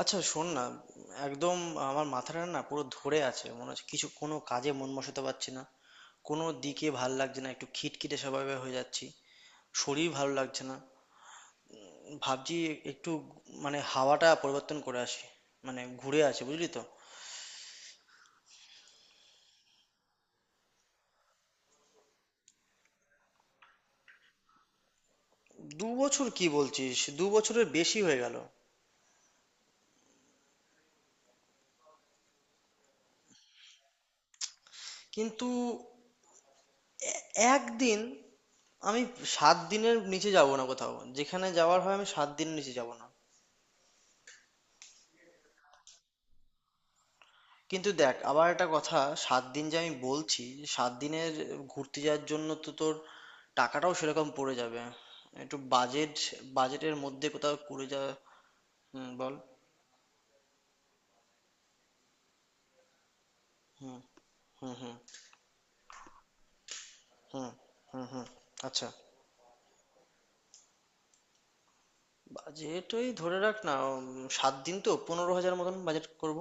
আচ্ছা শোন না। একদম। আমার মাথাটা না পুরো ধরে আছে, মনে হচ্ছে কিছু কোনো কাজে মন বসাতে পারছি না, কোনো দিকে ভাল লাগছে না, একটু খিটখিটে স্বভাবের হয়ে যাচ্ছি, শরীর ভালো লাগছে না। ভাবছি একটু, মানে হাওয়াটা পরিবর্তন করে আসি, মানে ঘুরে আসি, বুঝলি তো। দু বছর কি বলছিস, 2 বছরের বেশি হয়ে গেল। কিন্তু একদিন আমি 7 দিনের নিচে যাব না কোথাও, যেখানে যাওয়ার হয় আমি সাত দিনের নিচে যাব না। কিন্তু দেখ, আবার একটা কথা, 7 দিন যে আমি বলছি, যে 7 দিনের ঘুরতে যাওয়ার জন্য তো তোর টাকাটাও সেরকম পড়ে যাবে, একটু বাজেট, বাজেটের মধ্যে কোথাও করে যা। হুম, বল। হুম হুম। হুম হুম। হুম হুম। আচ্ছা। বাজেট ওই ধরে রাখ না, সাত দিন তো 15,000 মতন বাজেট করব।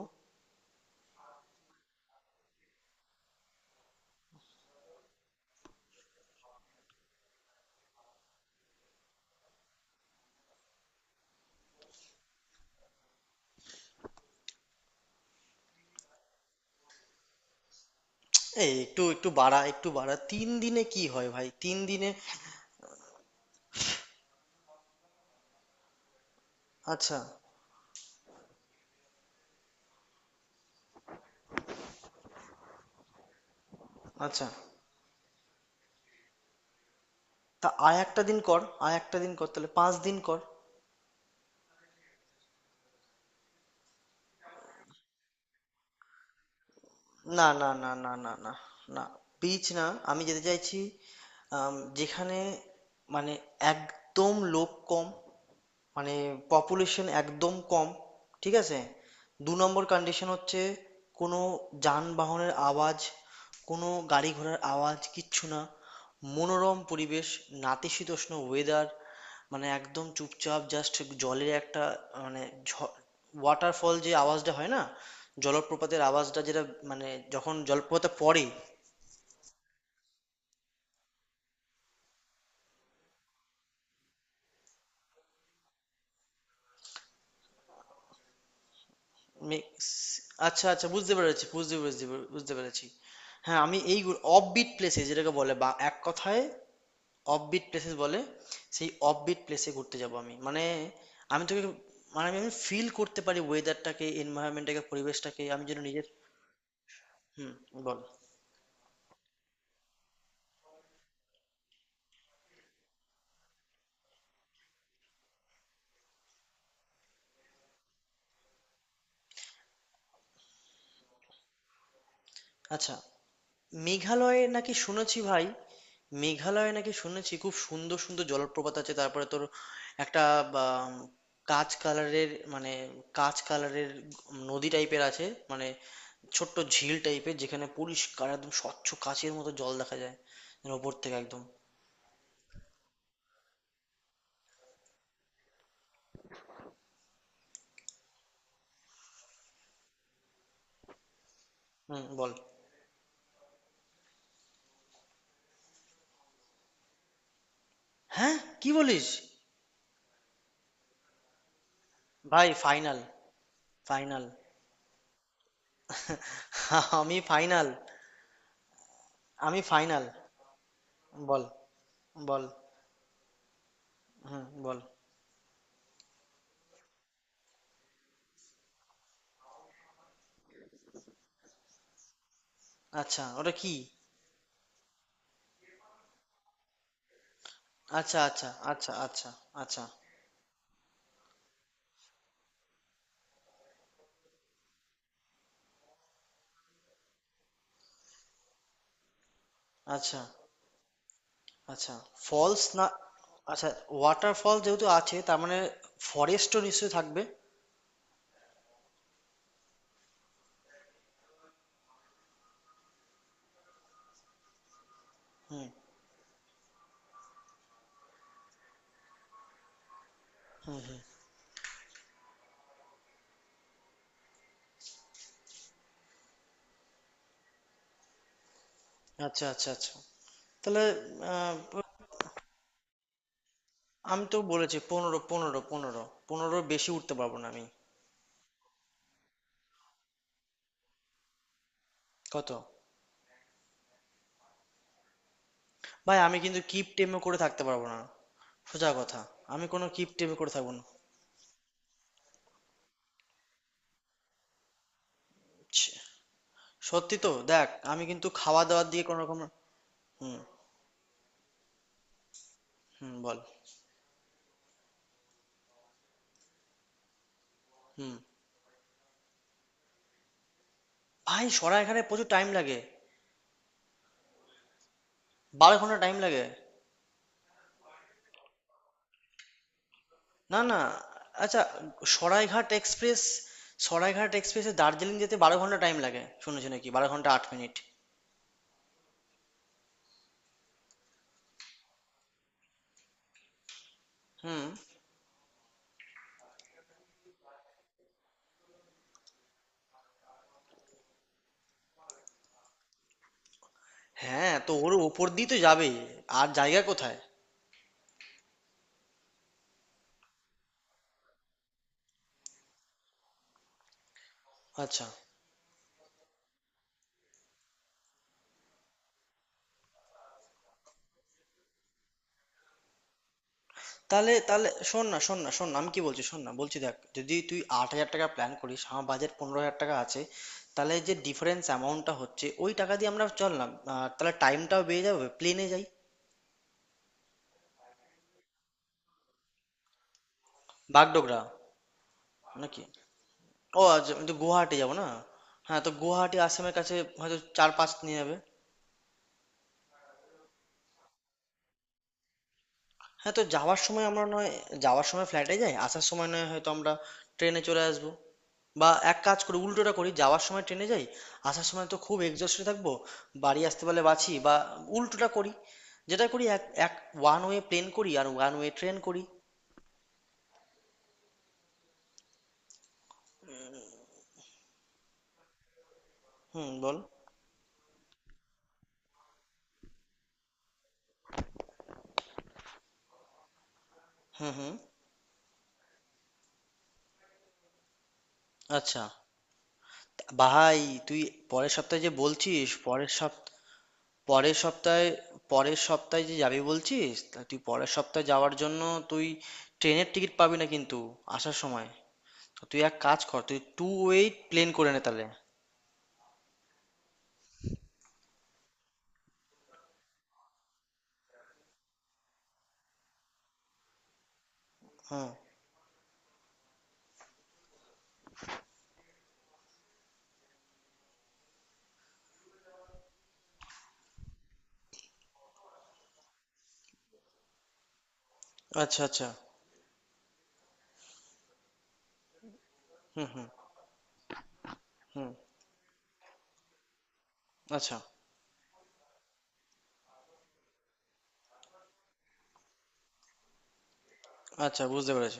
এই একটু একটু বাড়া, একটু বাড়া, 3 দিনে কি হয় ভাই, 3 দিনে। আচ্ছা। আচ্ছা, তা আর একটা দিন কর, আর একটা দিন কর, তাহলে 5 দিন কর। না, না, না, না, না, না। না, বিচ না। আমি যেতে চাইছি যেখানে, মানে একদম লোক কম, মানে পপুলেশন একদম কম। ঠিক আছে, 2 নম্বর কন্ডিশন হচ্ছে কোনো যানবাহনের আওয়াজ, কোনো গাড়ি ঘোড়ার আওয়াজ কিচ্ছু না, মনোরম পরিবেশ, নাতিশীতোষ্ণ ওয়েদার, মানে একদম চুপচাপ, জাস্ট জলের একটা, মানে ওয়াটারফল যে আওয়াজটা হয় না, জলপ্রপাতের আওয়াজটা, যেটা মানে যখন জলপ্রপাতে পড়ে। মিক্স। আচ্ছা আচ্ছা, বুঝতে পেরেছি, বুঝতে পেরেছি, বুঝতে পেরেছি। হ্যাঁ, আমি এই অফবিট প্লেসে, যেটাকে বলে বা এক কথায় অফবিট প্লেসেস বলে, সেই অফবিট প্লেসে ঘুরতে যাব আমি। মানে আমি তোকে, মানে আমি ফিল করতে পারি ওয়েদারটাকে, এনভায়রনমেন্টটাকে, পরিবেশটাকে, আমি যেন নিজের। হুম, বল। আচ্ছা, মেঘালয়ে নাকি শুনেছি ভাই। মেঘালয়ে নাকি শুনেছি খুব সুন্দর সুন্দর জলপ্রপাত আছে, তারপরে তোর একটা বা, উম, কাঁচ কালারের, মানে কাঁচ কালারের নদী টাইপের আছে, মানে ছোট্ট ঝিল টাইপের, যেখানে পরিষ্কার একদম স্বচ্ছ কাঁচের মতো জল দেখা যায়, মানে ওপর থেকে একদম। হুম, বল। হ্যাঁ, কি বলিস। ভাই ফাইনাল, ফাইনাল। আমি ফাইনাল। আমি ফাইনাল। বল, বল। হুম, বল। আচ্ছা, ওটা কি। আচ্ছা, আচ্ছা, আচ্ছা, আচ্ছা। আচ্ছা। আচ্ছা। আচ্ছা, ফলস না। আচ্ছা, ওয়াটারফল যেহেতু আছে তার মানে ফরেস্টও নিশ্চয়ই থাকবে। হুম। আচ্ছা আচ্ছা আচ্ছা। তাহলে আহ, আমি তো বলেছি পনেরো, পনেরো, পনেরো, পনেরোর বেশি উঠতে পারবো না আমি। কত? ভাই, আমি কিন্তু কিপটেমে করে থাকতে পারবো না, সোজা কথা, আমি কোনো কিপটেমে করে থাকবো না। ছি, সত্যি তো। দেখ, আমি কিন্তু খাওয়া দাওয়া দিয়ে কোনো রকম। হুম। হুম, বল। হুম। ভাই, সরা এখানে প্রচুর টাইম লাগে, 12 ঘন্টা টাইম লাগে। না না। আচ্ছা। সরাইঘাট এক্সপ্রেস, সরাইঘাট এক্সপ্রেসে দার্জিলিং যেতে 12 ঘন্টা টাইম লাগে শুনেছি নাকি 12 ঘন্টা 8 মিনিট। হুম। হ্যাঁ, তো ওর ওপর দিয়ে তো যাবেই, আর জায়গা কোথায়। আচ্ছা। তাহলে, শোন না শোন না, আমি কি বলছি শোন না, বলছি দেখ যদি তুই 8,000 টাকা প্ল্যান করিস, আমার বাজেট 15,000 টাকা আছে, তাহলে যে ডিফারেন্স অ্যামাউন্টটা হচ্ছে ওই টাকা দিয়ে আমরা চল না। তাহলে টাইমটাও বেড়ে যাবে, প্লেনে যাই। বাগডোগরা নাকি? ও আচ্ছা, আমি তো গুয়াহাটি যাবো না। হ্যাঁ, তো গুয়াহাটি আসামের কাছে। হয়তো চার পাঁচ নিয়ে যাবে। হ্যাঁ, তো যাওয়ার সময় আমরা নয়, যাওয়ার সময় ফ্লাইটে যাই, আসার সময় নয় হয়তো আমরা ট্রেনে চলে আসবো। বা এক কাজ করি, উল্টোটা করি, যাওয়ার সময় ট্রেনে যাই, আসার সময় তো খুব এক্সস্টে থাকবো, বাড়ি আসতে পারলে বাঁচি। বা উল্টোটা করি, যেটা করি, এক এক ওয়ান ওয়ে প্লেন করি আর ওয়ান ওয়ে ট্রেন করি। হুম, বল। হুম হুম। আচ্ছা। ভাই তুই পরের সপ্তাহে যে বলছিস, পরের সপ্তাহে, পরের সপ্তাহে, পরের সপ্তাহে যে যাবি বলছিস, তা তুই পরের সপ্তাহে যাওয়ার জন্য তুই ট্রেনের টিকিট পাবি না কিন্তু আসার সময়। তো তুই এক কাজ কর, তুই টু ওয়েট প্লেন করে নে তাহলে। হুম। আচ্ছা আচ্ছা। হুম হুম হুম। আচ্ছা আচ্ছা, বুঝতে পেরেছি।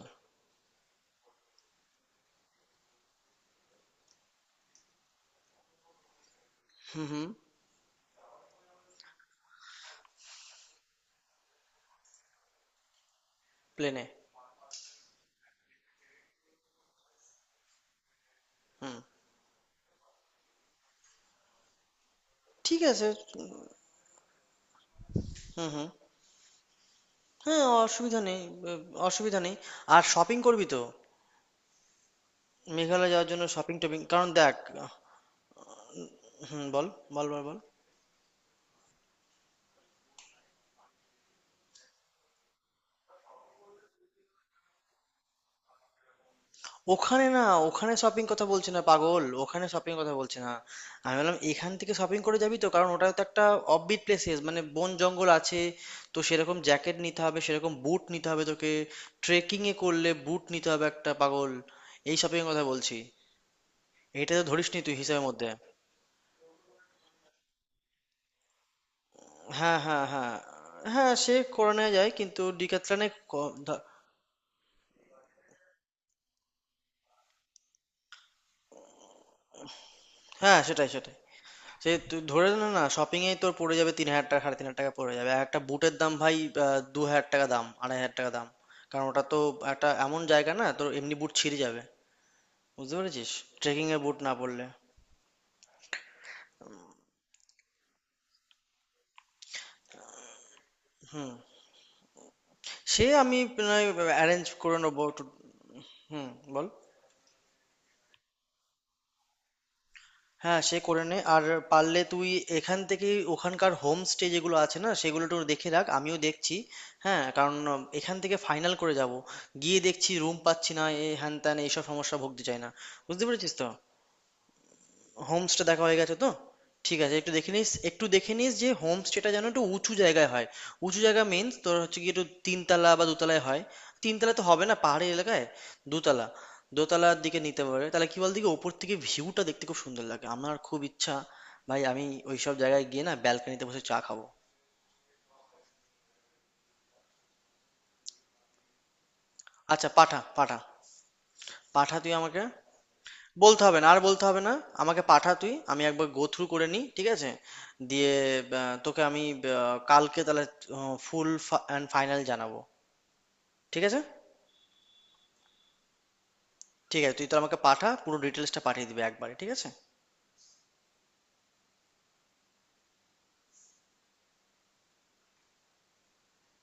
হুম হুম। প্লেনে। হুম। ঠিক আছে। হুম হুম। হ্যাঁ, অসুবিধা নেই, ব-, অসুবিধা নেই। আর শপিং করবি তো, মেঘালয় যাওয়ার জন্য শপিং টপিং, কারণ দেখ। হুম, বল। বল বল বল। ওখানে না, ওখানে শপিং কথা বলছি না পাগল, ওখানে শপিং কথা বলছি না। আমি বললাম এখান থেকে শপিং করে যাবি তো, কারণ ওটা তো একটা অফবিট প্লেসেস, মানে বন জঙ্গল আছে, তো সেরকম জ্যাকেট নিতে হবে, সেরকম বুট নিতে হবে তোকে, ট্রেকিং এ করলে বুট নিতে হবে একটা পাগল, এই শপিং কথা বলছি, এটা তো ধরিসনি তুই হিসাবের মধ্যে। হ্যাঁ হ্যাঁ হ্যাঁ। হ্যাঁ, সে করে নেওয়া যায় কিন্তু ডিক্যাথলনে। হ্যাঁ, সেটাই সেটাই। সে তুই ধরে নে না, শপিং এ তোর পড়ে যাবে 3,000 টাকা, 3,500 টাকা পড়ে যাবে, আর একটা বুটের দাম ভাই 2,000 টাকা দাম, 2,500 টাকা দাম, কারণ ওটা তো একটা এমন জায়গা না তোর এমনি বুট ছিঁড়ে যাবে, বুঝতে পেরেছিস, ট্রেকিং এর বুট না পরলে। হুম, সে আমি অ্যারেঞ্জ করে নেবো একটু। হুম, বল। হ্যাঁ, সে করে নে। আর পারলে তুই এখান থেকেই ওখানকার হোমস্টে যেগুলো আছে না সেগুলো একটু দেখে রাখ, আমিও দেখছি। হ্যাঁ, কারণ এখান থেকে ফাইনাল করে যাব, গিয়ে দেখছি রুম পাচ্ছি না, এ হ্যান ত্যান এইসব সমস্যা ভুগতে চাই না। বুঝতে পেরেছিস তো, হোমস্টে দেখা হয়ে গেছে তো। ঠিক আছে, একটু দেখে নিস, একটু দেখে নিস যে হোমস্টেটা যেন একটু উঁচু জায়গায় হয়। উঁচু জায়গা মিন্স তোর হচ্ছে কি, একটু তিনতলা বা দোতলায় হয়, তিনতলা তো হবে না পাহাড়ি এলাকায়, দোতলা, দোতলার দিকে নিতে পারে তাহলে, কি বল দিকে, ওপর থেকে ভিউটা দেখতে খুব সুন্দর লাগে, আমার খুব ইচ্ছা ভাই, আমি ওইসব জায়গায় গিয়ে না ব্যালকনিতে বসে চা খাবো। আচ্ছা, পাঠা পাঠা। পাঠা, তুই আমাকে বলতে হবে না, আর বলতে হবে না, আমাকে পাঠা তুই, আমি একবার গো থ্রু করে নিই, ঠিক আছে, দিয়ে তোকে আমি কালকে তাহলে ফুল অ্যান্ড ফাইনাল জানাবো, ঠিক আছে। ঠিক আছে, তুই তো আমাকে পাঠা, পুরো ডিটেলসটা পাঠিয়ে দিবি একবারে, ঠিক আছে।